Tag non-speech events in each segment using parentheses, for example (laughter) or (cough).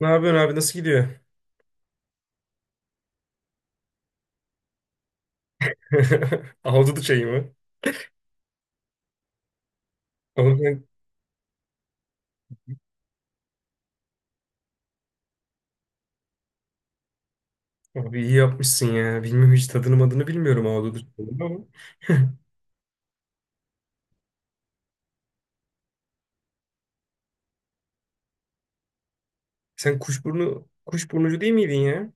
Ne yapıyorsun abi? Nasıl gidiyor? (laughs) Ahududu çayı mı? Oğlum sen abi iyi yapmışsın ya. Bilmiyorum hiç tadını madını bilmiyorum ahududu çayının ama. (laughs) Sen kuşburnu kuşburnucu değil miydin ya?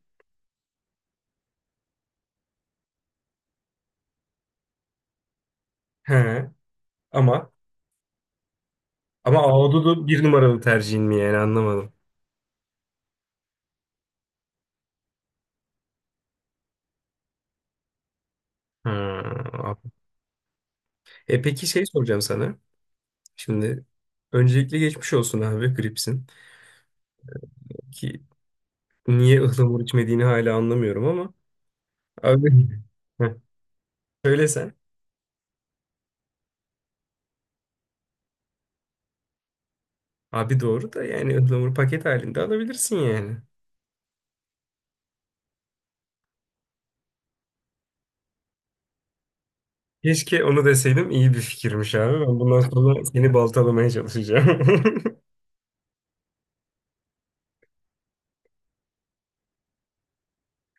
He. Ama ama ahududu bir numaralı tercihin mi yani anlamadım. Ha. E peki şey soracağım sana. Şimdi öncelikle geçmiş olsun abi gripsin. Ki niye ıhlamur içmediğini hala anlamıyorum ama. Abi (laughs) Heh, sen. Abi doğru da yani ıhlamur paket halinde alabilirsin yani. Keşke onu deseydim iyi bir fikirmiş abi. Ben bundan sonra seni baltalamaya çalışacağım. (laughs)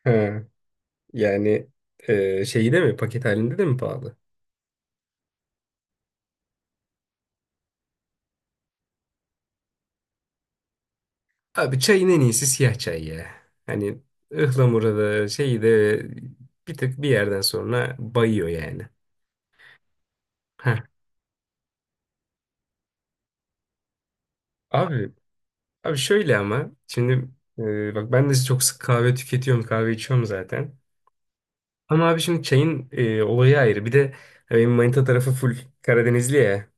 Ha, yani şeyi de mi paket halinde de mi pahalı? Abi çayın en iyisi siyah çay ya. Hani ıhlamura da şeyi de bir tık bir yerden sonra bayıyor yani. Heh. Abi abi şöyle ama şimdi bak ben de çok sık kahve tüketiyorum kahve içiyorum zaten. Ama abi şimdi çayın olayı ayrı. Bir de benim manita tarafı full Karadenizli ya.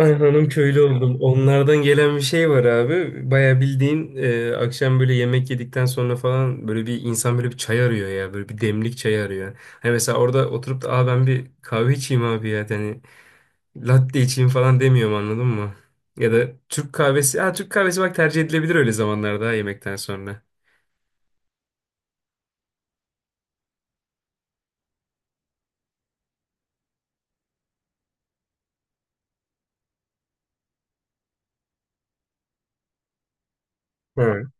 Ay hanım köylü oldum. Onlardan gelen bir şey var abi. Baya bildiğin akşam böyle yemek yedikten sonra falan böyle bir insan böyle bir çay arıyor ya. Böyle bir demlik çay arıyor. Hani mesela orada oturup da aa, ben bir kahve içeyim abi ya. Hani latte içeyim falan demiyorum anladın mı? Ya da Türk kahvesi. Ha, Türk kahvesi bak tercih edilebilir öyle zamanlarda ha, yemekten sonra. Ha.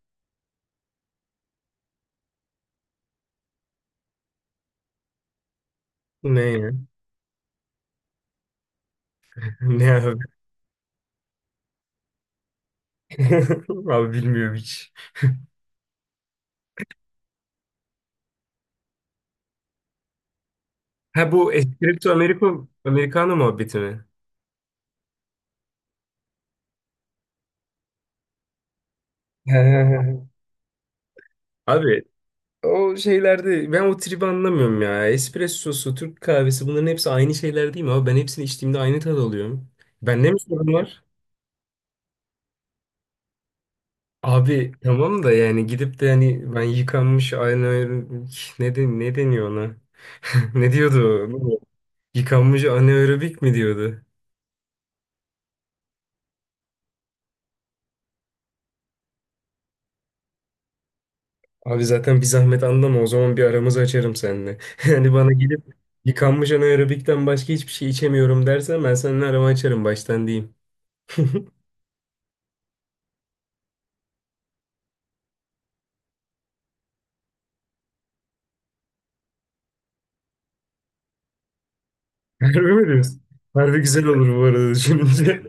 Ne ya? (laughs) Ne abi? (laughs) Abi bilmiyorum hiç. Ha, bu Espresso Americo, Americano muhabbeti mi? (laughs) Abi o şeylerde ben o tribi anlamıyorum ya. Espressosu, Türk kahvesi bunların hepsi aynı şeyler değil mi abi? Ben hepsini içtiğimde aynı tad alıyorum. Bende mi sorun var? Abi tamam da yani gidip de yani ben yıkanmış anaerobik ne deniyor ona? (laughs) Ne diyordu o? Yıkanmış anaerobik mi diyordu? Abi zaten bir zahmet anlama o zaman bir aramızı açarım seninle. (laughs) Yani bana gelip yıkanmış anaerobikten başka hiçbir şey içemiyorum dersen ben seninle aramı açarım baştan diyeyim. (laughs) Harbi mi diyorsun? Harbi güzel olur bu arada düşününce.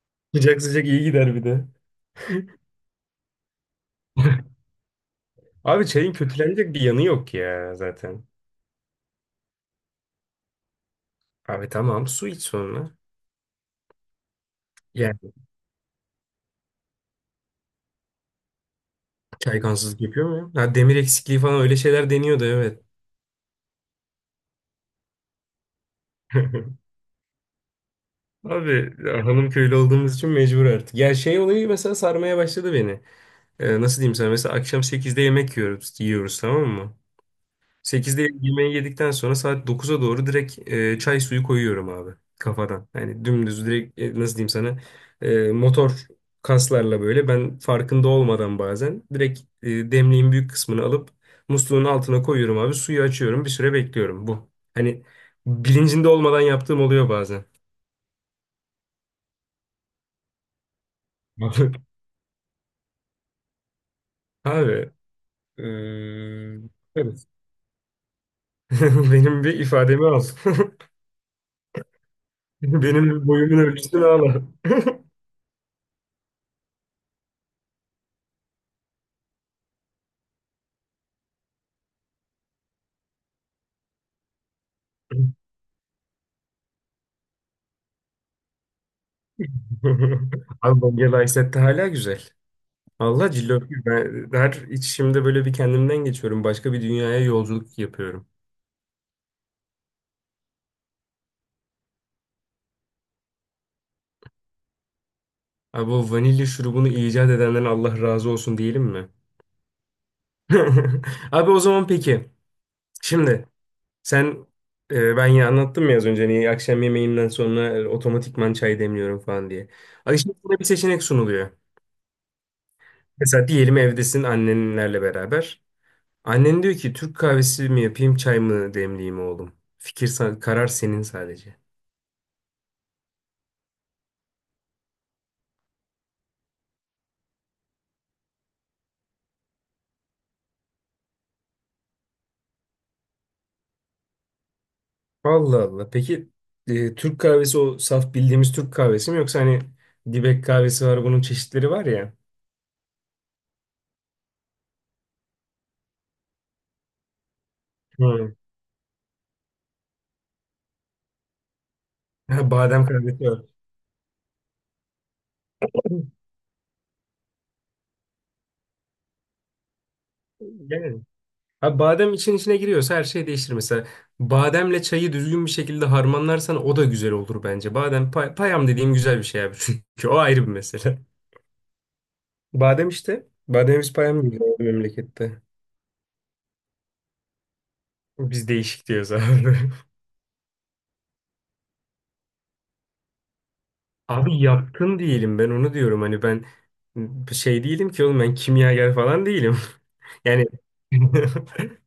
(laughs) Sıcak sıcak iyi gider bir de. Abi çayın kötülenecek bir yanı yok ya zaten. Abi tamam su iç sonra. Yani çay kansızlık yapıyor mu ya? Ha, demir eksikliği falan öyle şeyler deniyordu evet. (laughs) Abi ya hanım köylü olduğumuz için mecbur artık. Ya şey olayı mesela sarmaya başladı beni. Nasıl diyeyim sana, mesela akşam sekizde yemek yiyoruz tamam mı? Sekizde yemeği yedikten sonra saat dokuza doğru direkt çay suyu koyuyorum abi kafadan. Yani dümdüz direkt nasıl diyeyim sana, motor kaslarla böyle ben farkında olmadan bazen direkt demliğin büyük kısmını alıp musluğun altına koyuyorum abi, suyu açıyorum bir süre bekliyorum bu. Hani bilincinde olmadan yaptığım oluyor bazen. (laughs) Abi e, evet. (laughs) Benim bir ifademi al. (laughs) (laughs) Benim boyumun ölçüsünü al. (laughs) Abi Bongel Ayset'te hala güzel. Allah cillop gibi. Ben her içimde böyle bir kendimden geçiyorum. Başka bir dünyaya yolculuk yapıyorum. Abi o vanilya şurubunu icat edenden Allah razı olsun diyelim mi? (laughs) Abi o zaman peki. Şimdi sen ben ya anlattım ya az önce niye akşam yemeğinden sonra otomatikman çay demliyorum falan diye. Abi şimdi sana bir seçenek sunuluyor. Mesela diyelim evdesin annenlerle beraber. Annen diyor ki Türk kahvesi mi yapayım çay mı demleyeyim oğlum. Karar senin sadece. Allah Allah. Peki Türk kahvesi o saf bildiğimiz Türk kahvesi mi, yoksa hani dibek kahvesi var, bunun çeşitleri var ya. Hı. Ha, badem kahvesi var. Yani. Ha, badem için içine giriyorsa her şey değişir. Mesela bademle çayı düzgün bir şekilde harmanlarsan o da güzel olur bence. Badem payam dediğim güzel bir şey abi. (laughs) Çünkü o ayrı bir mesele. Badem işte. Bademimiz payam diyor memlekette. Biz değişik diyoruz abi. (laughs) Abi yatkın değilim ben, onu diyorum hani. Ben şey değilim ki oğlum, ben kimyager falan değilim. (laughs) Yani (laughs)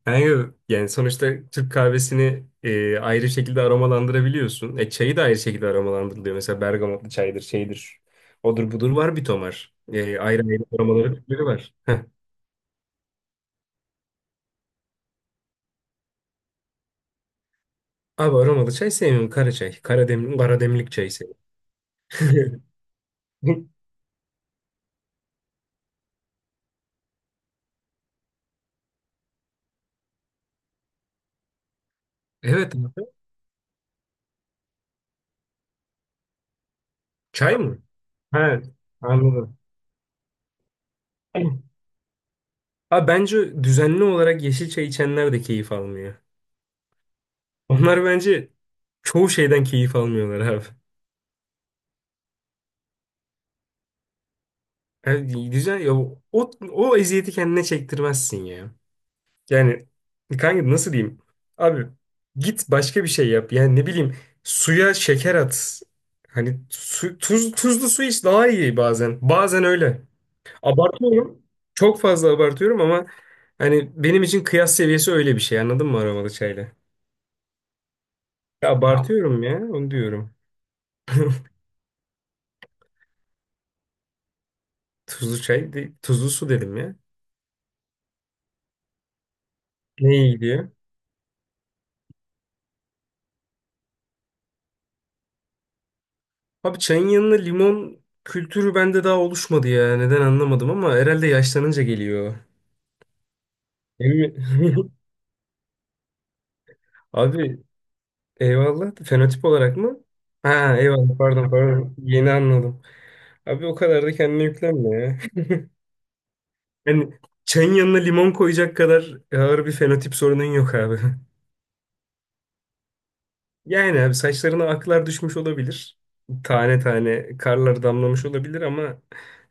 yani sonuçta Türk kahvesini ayrı şekilde aromalandırabiliyorsun. E çayı da ayrı şekilde aromalandırılıyor. Mesela bergamotlu çaydır, şeydir. Odur budur var bir tomar. Ayrı ayrı aromaları türleri var. Heh. Abi aromalı çay sevmiyorum. Kara çay. Kara demlik çayı seviyorum. (laughs) Evet abi. Çay mı? Ha, anladım. Abi bence düzenli olarak yeşil çay içenler de keyif almıyor. Onlar bence çoğu şeyden keyif almıyorlar abi. Yani düzen ya, o o eziyeti kendine çektirmezsin ya. Yani kanka nasıl diyeyim? Abi git başka bir şey yap. Yani ne bileyim suya şeker at. Hani su, tuz, tuzlu su iç daha iyi bazen. Bazen öyle. Abartıyorum. Çok fazla abartıyorum ama hani benim için kıyas seviyesi öyle bir şey. Anladın mı aromalı çayla? Ya abartıyorum ya, onu diyorum. Tuzlu su dedim ya. Ne iyi gidiyor? Abi çayın yanına limon kültürü bende daha oluşmadı ya. Neden anlamadım, ama herhalde yaşlanınca geliyor. Değil mi? (laughs) Abi eyvallah. Fenotip olarak mı? Ha, eyvallah, pardon pardon. Yeni anladım. Abi o kadar da kendine yüklenme ya. (laughs) Yani çayın yanına limon koyacak kadar ağır bir fenotip sorunun yok abi. (laughs) Yani abi saçlarına aklar düşmüş olabilir. Tane tane karlar damlamış olabilir, ama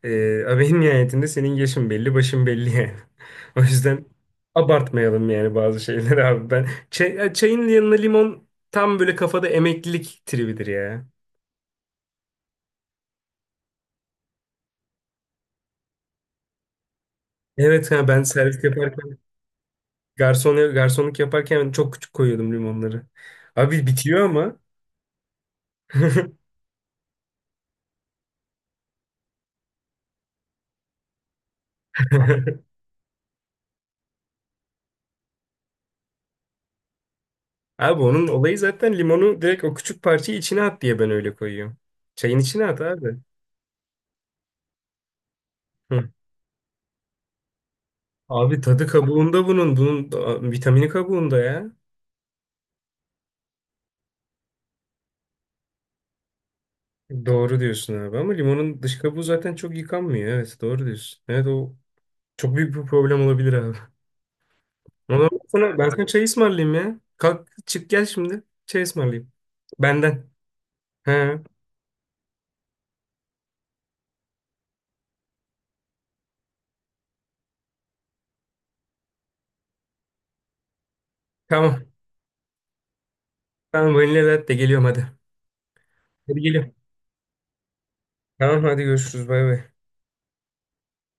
abi en nihayetinde senin yaşın belli, başın belli yani. (laughs) O yüzden abartmayalım yani bazı şeyleri abi. Ya çayın yanına limon tam böyle kafada emeklilik tribidir ya. Evet, ha ben (laughs) servis yaparken garson garsonluk yaparken çok küçük koyuyordum limonları. Abi bitiyor ama. (laughs) Abi onun olayı zaten limonu direkt o küçük parçayı içine at diye, ben öyle koyuyorum. Çayın içine at abi. Hı. Abi tadı kabuğunda bunun. Vitamini kabuğunda ya. Doğru diyorsun abi, ama limonun dış kabuğu zaten çok yıkanmıyor. Evet doğru diyorsun. Evet o çok büyük bir problem olabilir abi. Ama ben sana çay ısmarlayayım ya. Kalk çık gel şimdi. Çay ısmarlayayım. Benden. He, tamam. Tamam vanilya latte geliyorum hadi. Hadi geliyorum. Tamam hadi görüşürüz bay bay.